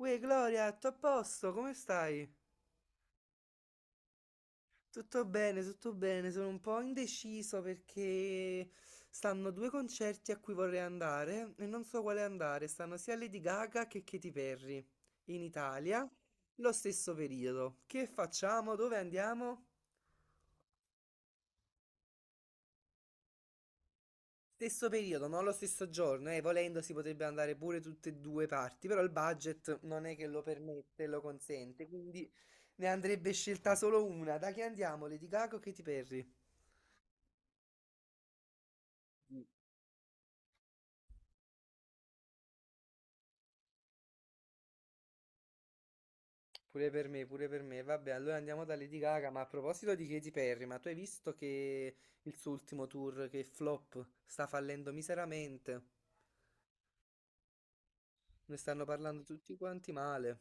Uè, Gloria, tutto a posto? Come stai? Tutto bene, tutto bene. Sono un po' indeciso perché stanno due concerti a cui vorrei andare e non so quale andare. Stanno sia Lady Gaga che Katy Perry in Italia, lo stesso periodo. Che facciamo? Dove andiamo? Stesso periodo, non lo stesso giorno, volendo si potrebbe andare pure tutte e due parti, però il budget non è che lo permette, lo consente, quindi ne andrebbe scelta solo una. Da chi andiamo? Lady Gaga o Katy Perry? Pure per me, pure per me. Vabbè, allora andiamo da Lady Gaga. Ma a proposito di Katy Perry, ma tu hai visto che il suo ultimo tour, che è flop, sta fallendo miseramente? Ne stanno parlando tutti quanti male.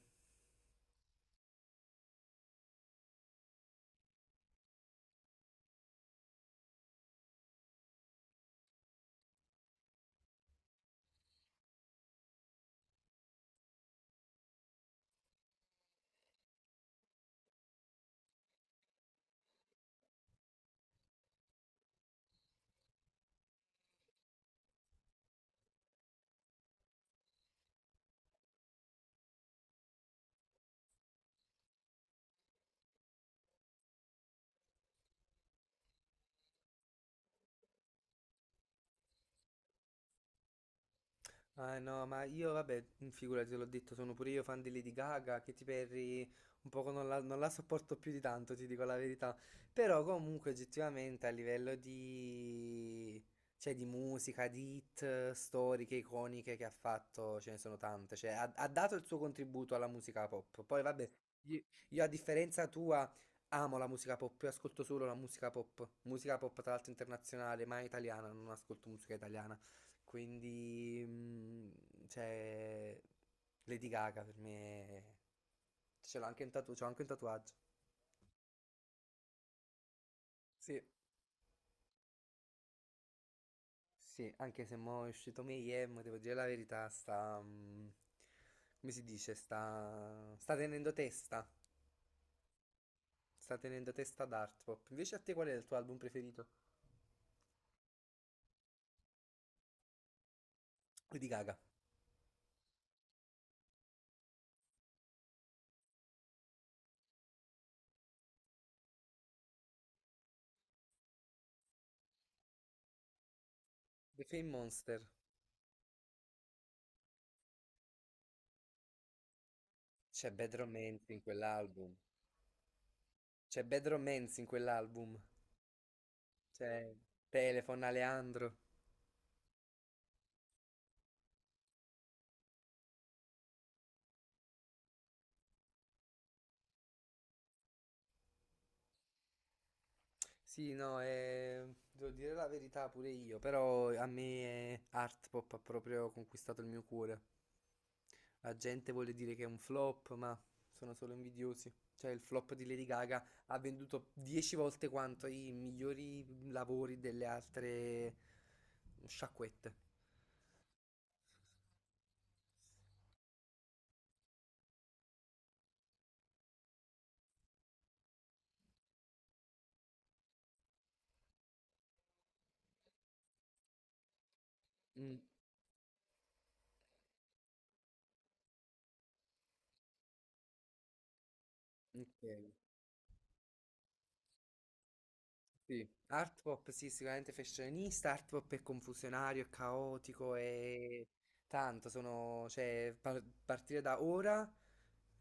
Ah no, ma io vabbè, figurati, te l'ho detto, sono pure io fan di Lady Gaga. Katy Perry, un poco non la sopporto più di tanto, ti dico la verità. Però comunque oggettivamente a livello di, cioè di musica, di hit, storiche, iconiche che ha fatto, ce ne sono tante, cioè ha dato il suo contributo alla musica pop. Poi vabbè, io, io a differenza tua amo la musica pop, io ascolto solo la musica pop tra l'altro internazionale, mai italiana, non ascolto musica italiana. Quindi, cioè, Lady Gaga per me ce l'ho anche un tatu- c'ho anche un tatuaggio. Sì, sì, anche se mo è uscito Mayhem, devo dire la verità, sta, come si dice, sta tenendo testa, sta tenendo testa ad Art Pop. Invece a te qual è il tuo album preferito? Lady Gaga, The Fame Monster. C'è Bad Romance in quell'album. C'è Bad Romance in quell'album. C'è Telephone Aleandro. Sì, no, devo dire la verità pure io, però a me Art Pop ha proprio conquistato il mio cuore. La gente vuole dire che è un flop, ma sono solo invidiosi. Cioè, il flop di Lady Gaga ha venduto 10 volte quanto i migliori lavori delle altre sciacquette. Mm, ok. Sì, art pop sì, sicuramente fashionista, art pop è confusionario, è caotico, è tanto, sono, cioè, partire da ora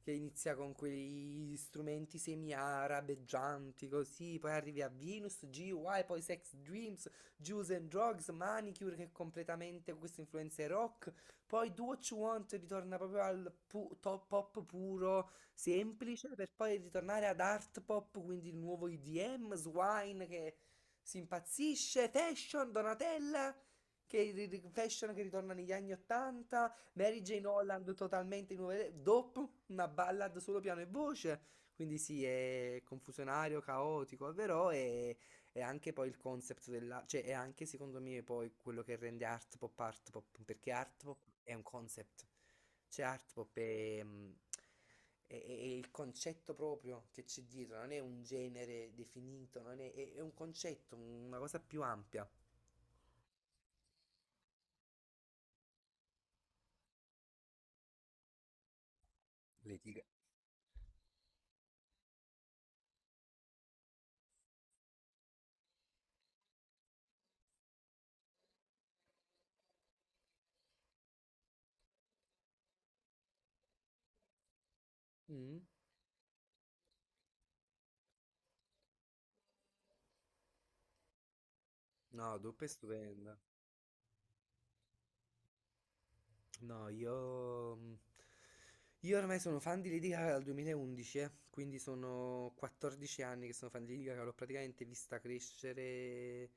che inizia con quegli strumenti semi-arabeggianti così, poi arrivi a Venus, GY, poi Sex Dreams, Juice and Drugs, Manicure che è completamente con queste influenze rock, poi Do What You Want ritorna proprio al top pop puro, semplice, per poi ritornare ad art pop, quindi il nuovo EDM, Swine che si impazzisce, Fashion, Donatella, che Fashion che ritorna negli anni 80, Mary Jane Holland totalmente nuove, dopo una ballad solo piano e voce, quindi sì, è confusionario, caotico, però è vero, e anche poi il concept della, cioè è anche secondo me poi quello che rende art pop, perché art pop è un concept, cioè art pop è, mm, è il concetto proprio che c'è dietro, non è un genere definito, non è, è un concetto, una cosa più ampia. Le tigre. Mm. No, dopo è stupenda. No, io, io ormai sono fan di Lady Gaga dal 2011, quindi sono 14 anni che sono fan di Lady Gaga, l'ho praticamente vista crescere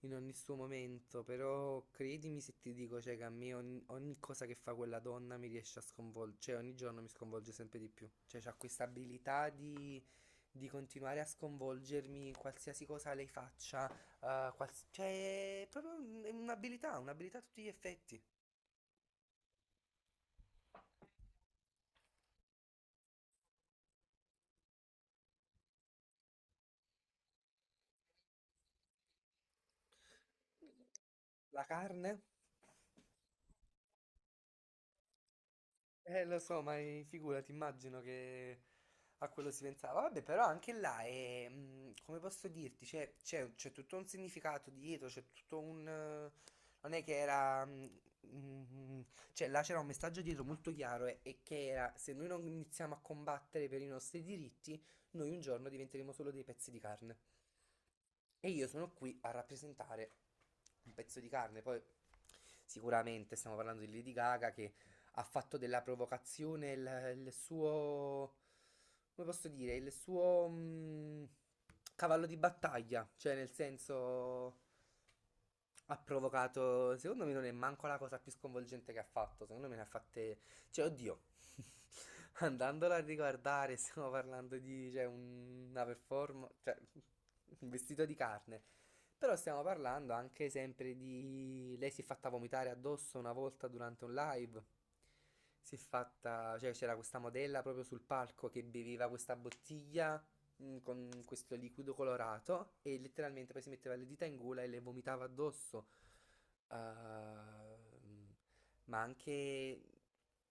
in ogni suo momento, però credimi se ti dico, cioè, che a me ogni cosa che fa quella donna mi riesce a sconvolgere, cioè ogni giorno mi sconvolge sempre di più, cioè c'ha questa abilità di continuare a sconvolgermi in qualsiasi cosa lei faccia, cioè è proprio è un'abilità, un'abilità a tutti gli effetti. La carne? Lo so, ma figurati, immagino che a quello si pensava. Vabbè, però anche là è, mm, come posso dirti, c'è tutto un significato dietro, c'è tutto un, non è che era, mm, mm, cioè, là c'era un messaggio dietro molto chiaro e che era, se noi non iniziamo a combattere per i nostri diritti, noi un giorno diventeremo solo dei pezzi di carne. E io sono qui a rappresentare un pezzo di carne. Poi sicuramente stiamo parlando di Lady Gaga che ha fatto della provocazione il suo, come posso dire, il suo cavallo di battaglia, cioè nel senso ha provocato, secondo me non è manco la cosa più sconvolgente che ha fatto, secondo me ne ha fatte cioè, oddio, andandola a riguardare, stiamo parlando di, cioè, una performance, cioè, un vestito di carne. Però stiamo parlando anche sempre di, lei si è fatta vomitare addosso una volta durante un live. Si è fatta, cioè, c'era questa modella proprio sul palco che beveva questa bottiglia con questo liquido colorato e letteralmente poi si metteva le dita in gola e le vomitava addosso. Ehm, ma anche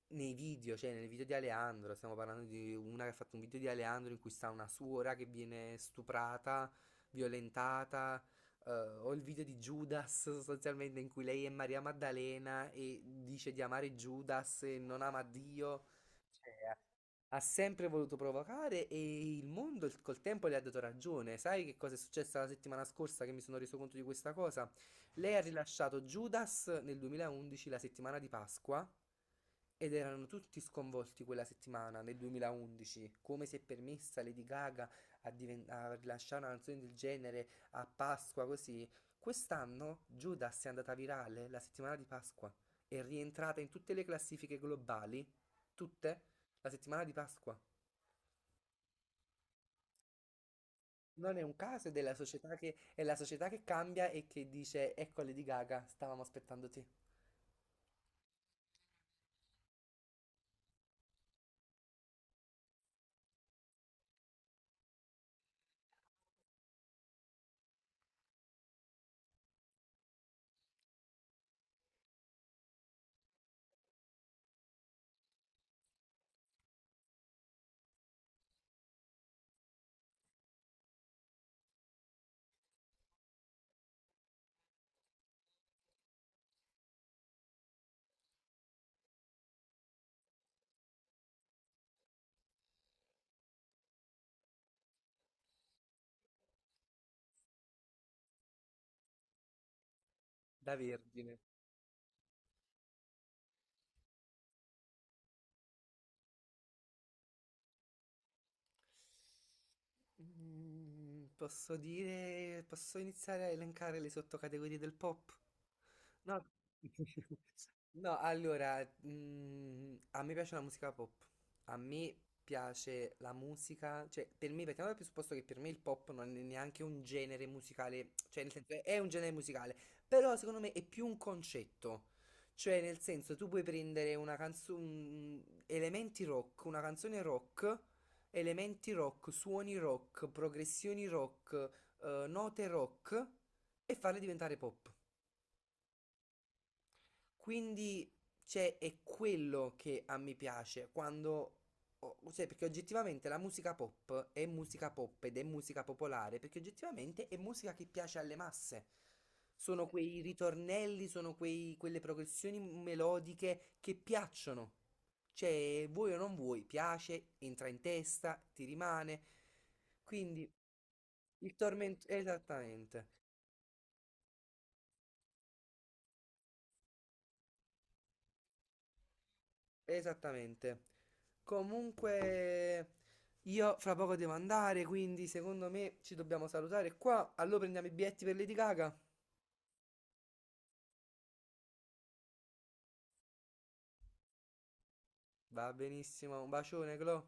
nei video, cioè nel video di Aleandro, stiamo parlando di una che ha fatto un video di Aleandro in cui sta una suora che viene stuprata, violentata, eh, o il video di Judas sostanzialmente in cui lei è Maria Maddalena e dice di amare Judas e non ama Dio. Cioè, ha sempre voluto provocare e il mondo col tempo le ha dato ragione. Sai che cosa è successo la settimana scorsa che mi sono reso conto di questa cosa? Lei ha rilasciato Judas nel 2011, la settimana di Pasqua, ed erano tutti sconvolti quella settimana, nel 2011. Come si è permessa Lady Gaga a, a rilasciare una canzone del genere a Pasqua così? Quest'anno Judas è andata virale la settimana di Pasqua. È rientrata in tutte le classifiche globali, tutte, la settimana di Pasqua. Non è un caso ed è la società è la società che cambia e che dice, ecco Lady Gaga, stavamo aspettando te. Da vergine. Mm, posso dire, posso iniziare a elencare le sottocategorie del pop? No, no, allora, mm, a me piace la musica pop, a me piace la musica, cioè per me, partiamo dal presupposto che per me il pop non è neanche un genere musicale, cioè nel senso è un genere musicale, però secondo me è più un concetto, cioè nel senso tu puoi prendere una canzone, elementi rock, una canzone rock elementi rock, suoni rock, progressioni rock, note rock e farle diventare pop. Quindi, cioè, è quello che a me piace quando. Cioè, perché oggettivamente la musica pop è musica pop ed è musica popolare, perché oggettivamente è musica che piace alle masse. Sono quei ritornelli, sono quelle progressioni melodiche che piacciono. Cioè, vuoi o non vuoi, piace, entra in testa, ti rimane. Quindi, il tormento, esattamente. Esattamente. Comunque, io fra poco devo andare, quindi secondo me ci dobbiamo salutare qua. Allora prendiamo i biglietti per Lady Gaga. Va benissimo, un bacione, Clo.